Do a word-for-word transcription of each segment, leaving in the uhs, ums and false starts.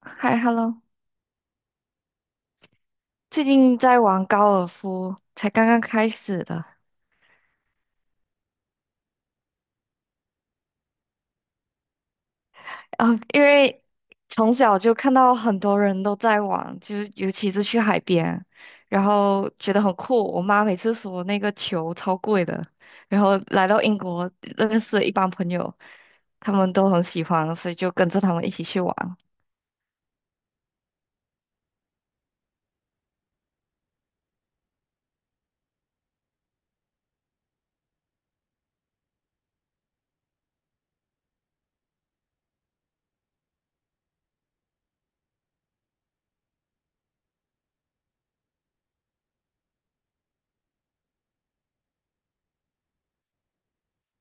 嗨，Hello，最近在玩高尔夫，才刚刚开始的。嗯、呃因为从小就看到很多人都在玩，就是尤其是去海边，然后觉得很酷。我妈每次说那个球超贵的，然后来到英国认识了一帮朋友，他们都很喜欢，所以就跟着他们一起去玩。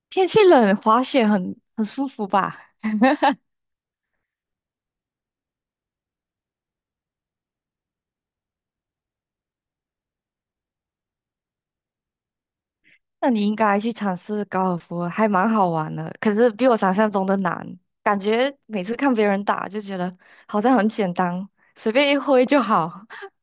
天气冷，滑雪很很舒服吧？那你应该去尝试高尔夫，还蛮好玩的。可是比我想象中的难，感觉每次看别人打就觉得好像很简单，随便一挥就好。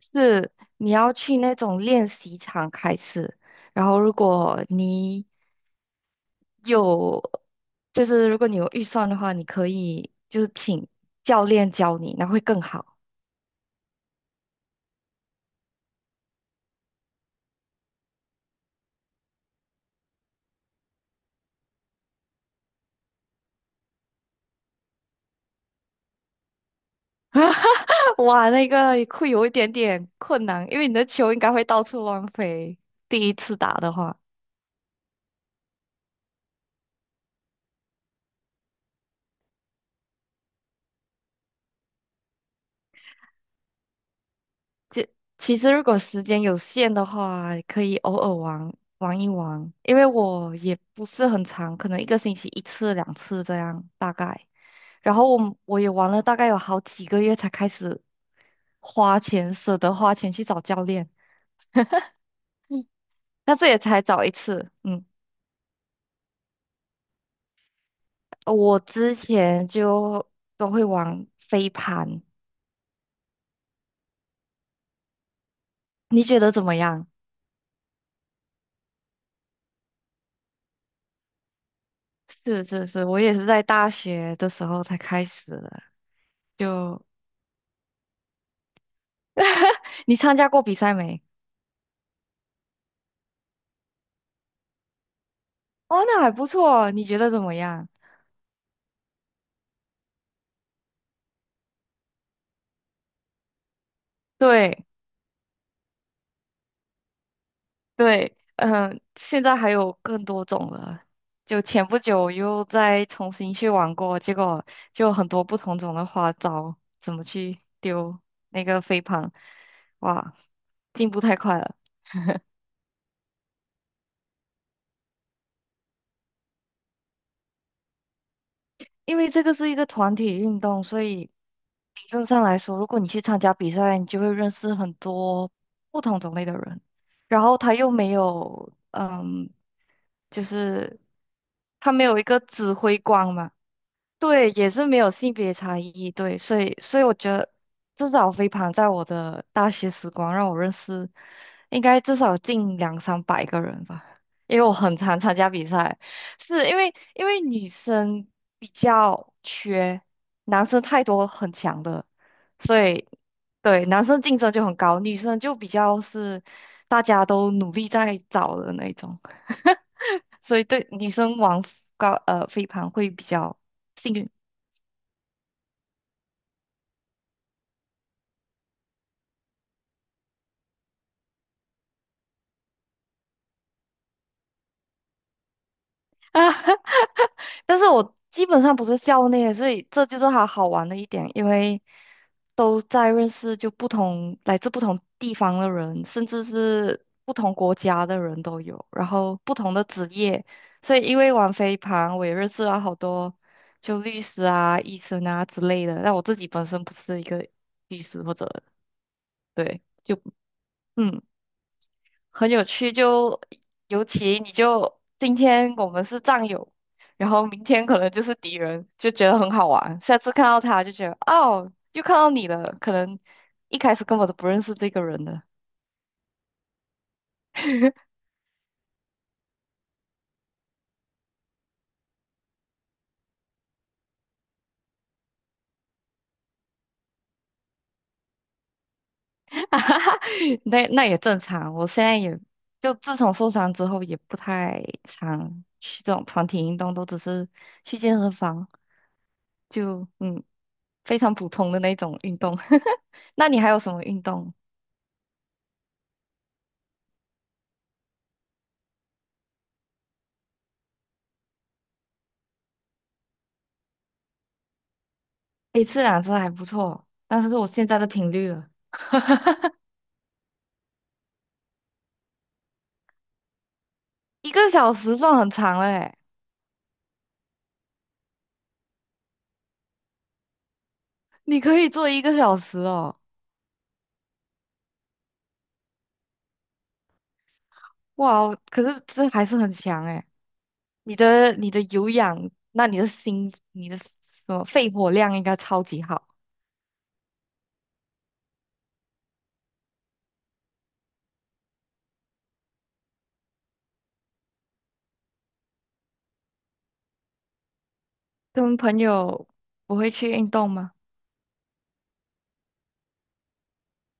是。你要去那种练习场开始，然后如果你有，就是如果你有预算的话，你可以就是请教练教你，那会更好。哇，那个会有一点点困难，因为你的球应该会到处乱飞。第一次打的话。就其实如果时间有限的话，可以偶尔玩玩一玩，因为我也不是很长，可能一个星期一次两次这样大概。然后我我也玩了大概有好几个月才开始花钱，舍得花钱去找教练。嗯，但是也才找一次。嗯，我之前就都会玩飞盘，你觉得怎么样？是是是，我也是在大学的时候才开始的。就你参加过比赛没？哦，那还不错，你觉得怎么样？对对，嗯，现在还有更多种了。就前不久又再重新去玩过，结果就很多不同种的花招，怎么去丢那个飞盘，哇，进步太快了。因为这个是一个团体运动，所以理论上来说，如果你去参加比赛，你就会认识很多不同种类的人。然后他又没有，嗯，就是他没有一个指挥官嘛，对，也是没有性别差异，对，所以所以我觉得至少飞盘在我的大学时光让我认识，应该至少近两三百个人吧，因为我很常参加比赛，是因为因为女生比较缺，男生太多很强的，所以对男生竞争就很高，女生就比较是大家都努力在找的那种，所以对女生玩高呃飞盘会比较。幸运。但是我基本上不是校内，所以这就是它好玩的一点，因为都在认识就不同来自不同地方的人，甚至是不同国家的人都有，然后不同的职业，所以因为玩飞盘，我也认识了好多就律师啊、医生啊之类的。但我自己本身不是一个律师或者对，就嗯。很有趣，就尤其你就今天我们是战友，然后明天可能就是敌人，就觉得很好玩。下次看到他就觉得哦，又看到你了，可能一开始根本都不认识这个人了，哈哈那那也正常。我现在也就自从受伤之后，也不太常去这种团体运动，都只是去健身房，就嗯非常普通的那种运动。那你还有什么运动？一次两次还不错，但是是我现在的频率了，一个小时算很长了诶，你可以做一个小时哦，哇哦，可是这还是很强诶，你的你的有氧，那你的心，你的什么肺活量应该超级好。跟朋友不会去运动吗？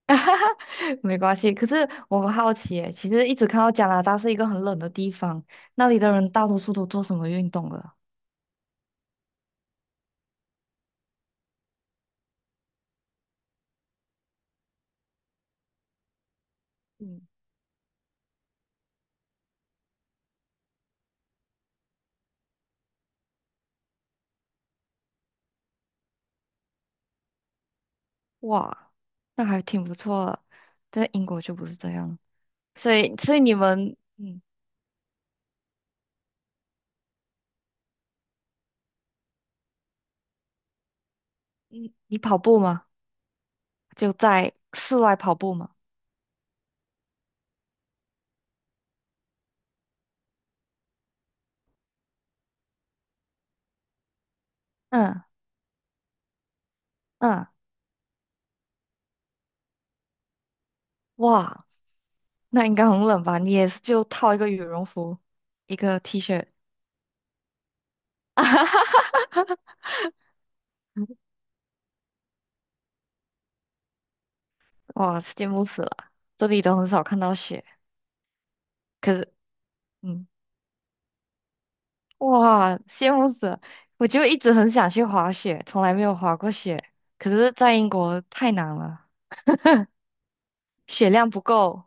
没关系，可是我很好奇诶，其实一直看到加拿大是一个很冷的地方，那里的人大多数都做什么运动了？哇，那还挺不错的，在英国就不是这样，所以所以你们，嗯你你跑步吗？就在室外跑步吗？嗯嗯，哇，那应该很冷吧？你也是就套一个羽绒服，一个 T 恤，哇，羡慕死了，这里都很少看到雪，可是，嗯，哇，羡慕死了，我就一直很想去滑雪，从来没有滑过雪，可是在英国太难了，雪量不够。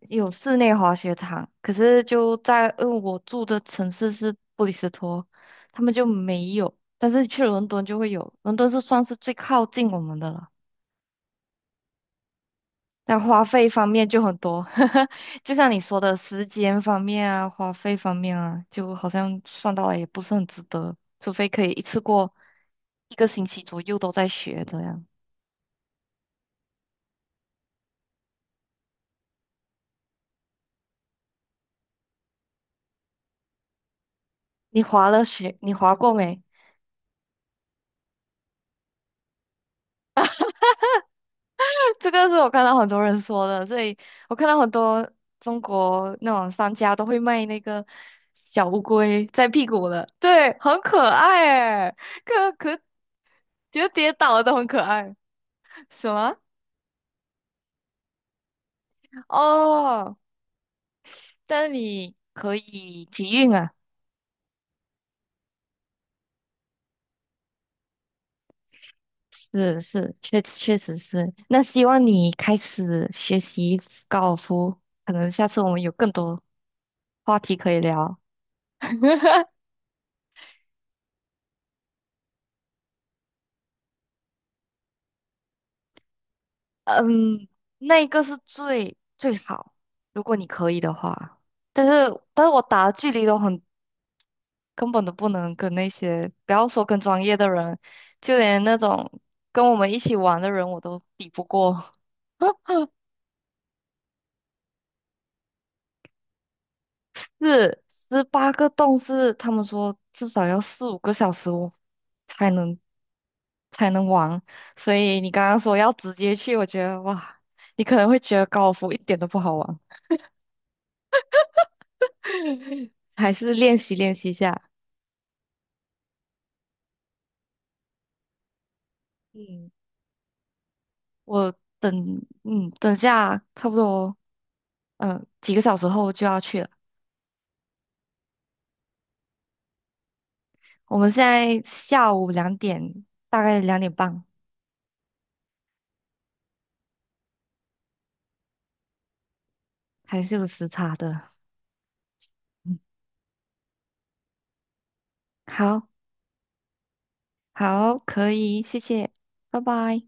有室内滑雪场，可是就在，呃我住的城市是布里斯托，他们就没有，但是去伦敦就会有，伦敦是算是最靠近我们的了。但花费方面就很多，就像你说的时间方面啊，花费方面啊，就好像算到来也不是很值得，除非可以一次过一个星期左右都在学这样。你滑了雪，你滑过没？这个是我看到很多人说的，所以我看到很多中国那种商家都会卖那个小乌龟在屁股的，对，很可爱诶，可可觉得跌倒了都很可爱。什么？哦，但你可以集运啊，是是，确确实是。那希望你开始学习高尔夫，可能下次我们有更多话题可以聊。嗯，那一个是最最好，如果你可以的话。但是，但是我打的距离都很，根本都不能跟那些，不要说跟专业的人，就连那种跟我们一起玩的人，我都比不过。是十八个洞是他们说至少要四五个小时我才能才能玩，所以你刚刚说要直接去，我觉得哇，你可能会觉得高尔夫一点都不好玩。还是练习练习一下。嗯，我等，嗯，等下差不多，嗯，几个小时后就要去了。我们现在下午两点，大概两点半，还是有时差的。嗯，好，好，可以，谢谢，拜拜。